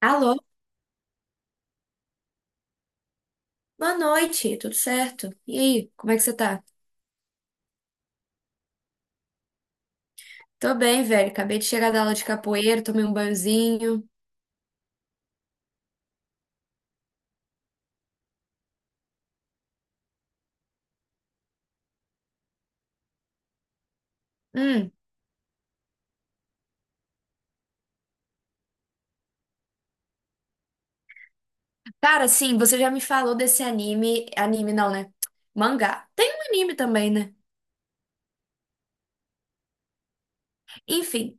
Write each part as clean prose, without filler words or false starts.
Alô, boa noite, tudo certo? E aí, como é que você tá? Tô bem, velho. Acabei de chegar da aula de capoeira, tomei um banhozinho. Hum, cara, sim, você já me falou desse anime. Anime não, né? Mangá. Tem um anime também, né? Enfim,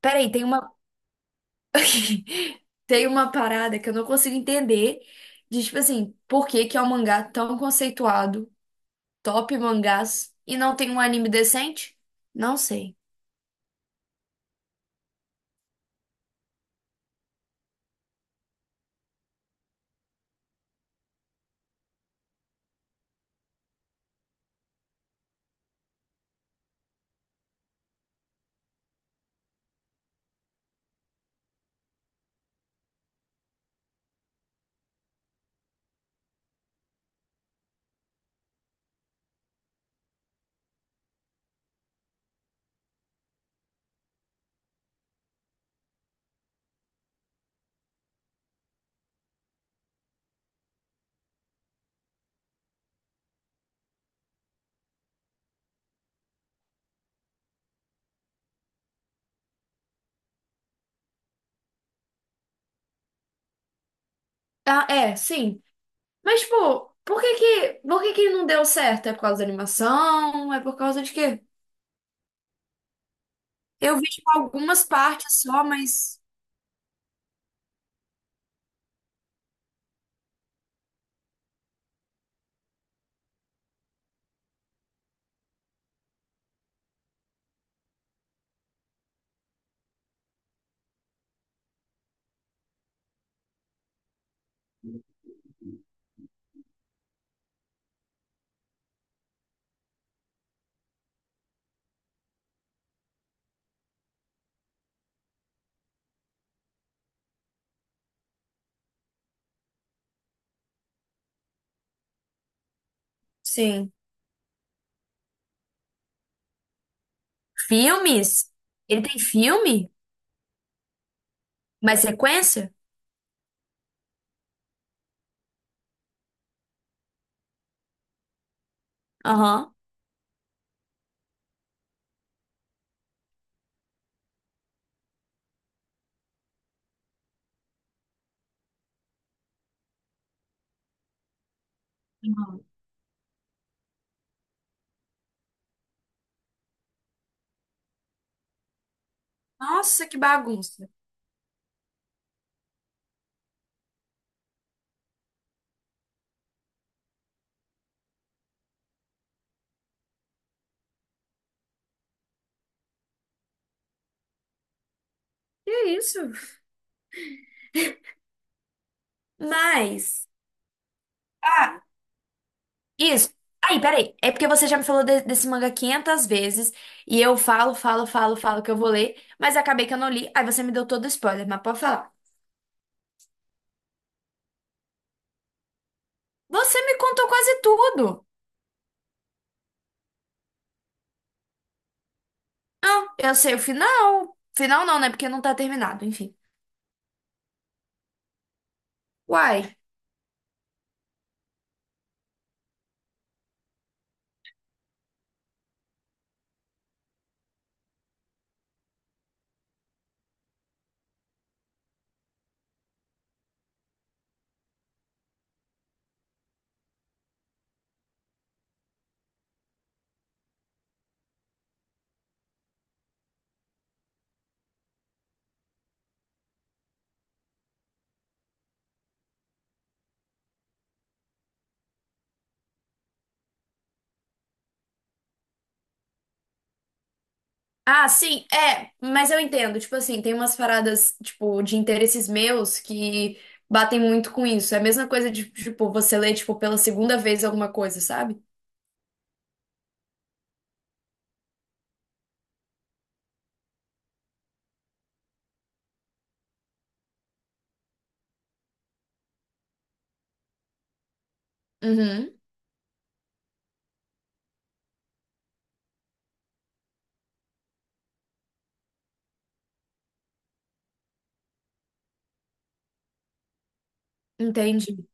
peraí, tem uma, tem uma parada que eu não consigo entender. De tipo assim, por que que é um mangá tão conceituado, top mangás, e não tem um anime decente? Não sei. Ah, é, sim. Mas, tipo, por que que não deu certo? É por causa da animação? É por causa de quê? Eu vi, tipo, algumas partes só, mas. Sim. Filmes? Ele tem filme? Mais sequência? Aham. Nossa, que bagunça. Que isso? Mas. Ah, isso. Aí, peraí. É porque você já me falou desse manga 500 vezes. E eu falo que eu vou ler. Mas acabei que eu não li. Aí você me deu todo o spoiler. Mas pode falar. Você me contou quase tudo. Ah, eu sei o final. Final não, né? Porque não tá terminado, enfim. Uai. Ah, sim, é, mas eu entendo. Tipo assim, tem umas paradas, tipo, de interesses meus que batem muito com isso. É a mesma coisa de, tipo, você ler, tipo, pela segunda vez alguma coisa, sabe? Uhum, entendi.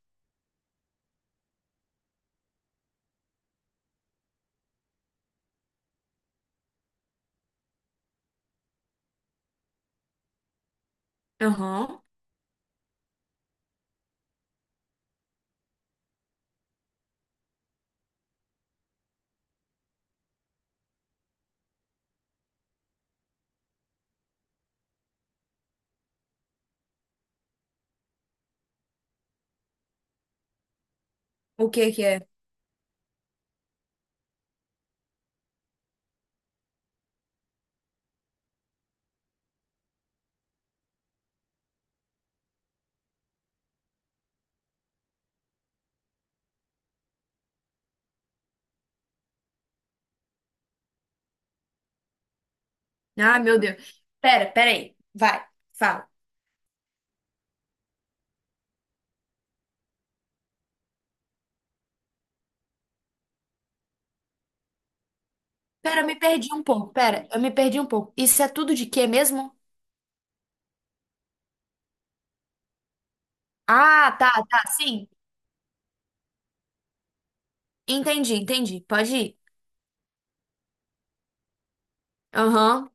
Aham. O que que é? Ah, meu Deus. Pera aí. Vai, fala. Pera, eu me perdi um pouco. Pera, eu me perdi um pouco. Isso é tudo de quê mesmo? Ah, tá, tá, sim. Entendi, entendi. Pode ir. Aham.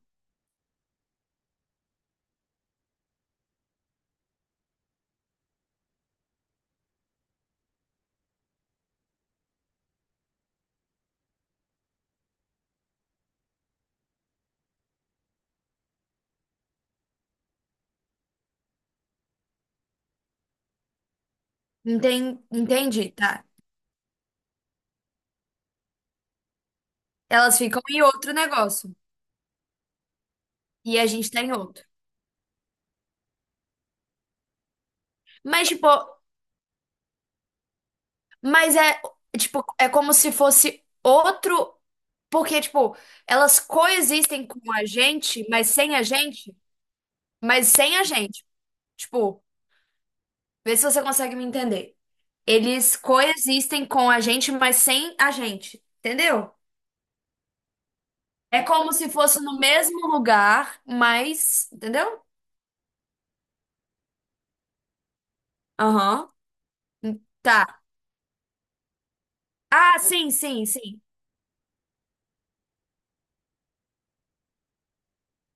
Entendi, tá. Elas ficam em outro negócio e a gente tá em outro. Mas, tipo, mas é, tipo, é como se fosse outro, porque, tipo, elas coexistem com a gente, mas sem a gente. Tipo, vê se você consegue me entender. Eles coexistem com a gente, mas sem a gente, entendeu? É como se fosse no mesmo lugar, mas, entendeu? Aham. Tá. Ah, sim, sim, sim.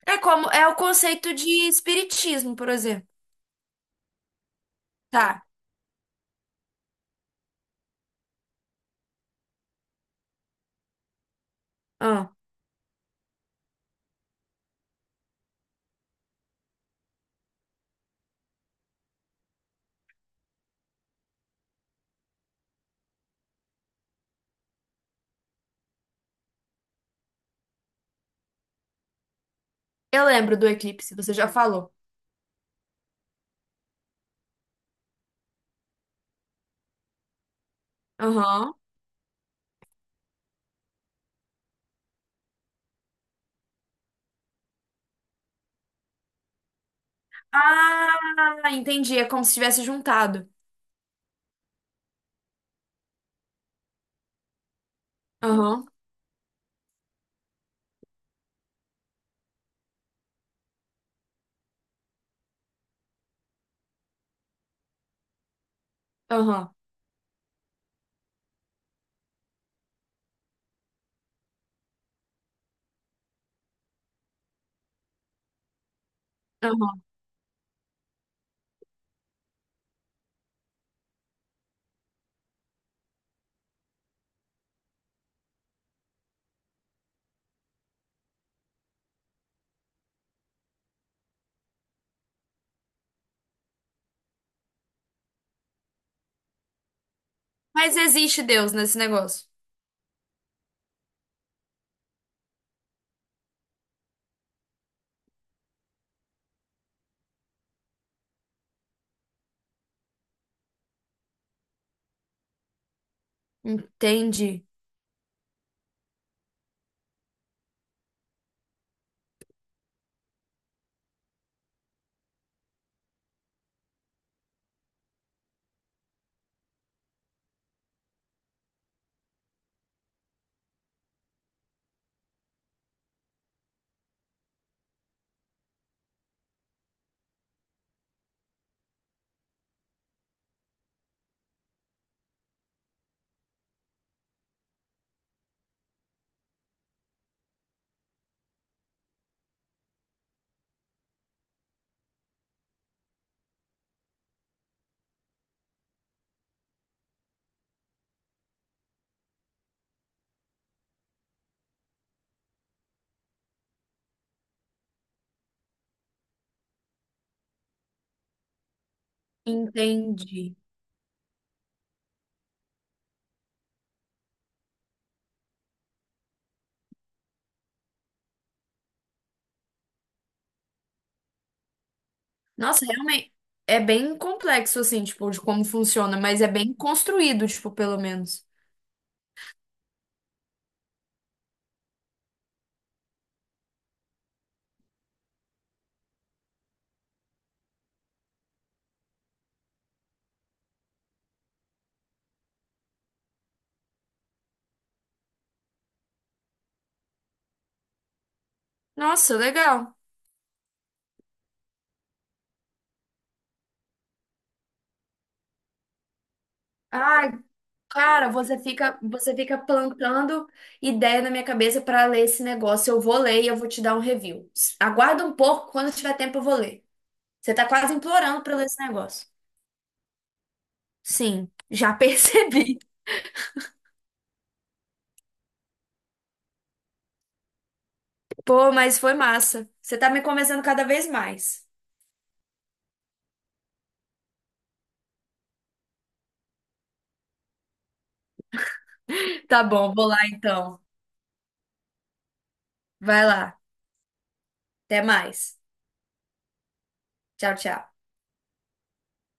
É como é o conceito de espiritismo, por exemplo. Tá. Ah, eu lembro do eclipse, você já falou. Aham. Ah, entendi. É como se tivesse juntado. Aham, aham, aham. Mas existe Deus nesse negócio. Entendi, entendi. Nossa, realmente é bem complexo, assim, tipo, de como funciona, mas é bem construído, tipo, pelo menos. Nossa, legal. Ai, cara, você fica plantando ideia na minha cabeça para ler esse negócio. Eu vou ler e eu vou te dar um review. Aguarda um pouco, quando tiver tempo eu vou ler. Você tá quase implorando para ler esse negócio. Sim, já percebi. Pô, mas foi massa. Você tá me convencendo cada vez mais. Tá bom, vou lá então. Vai lá. Até mais. Tchau, tchau.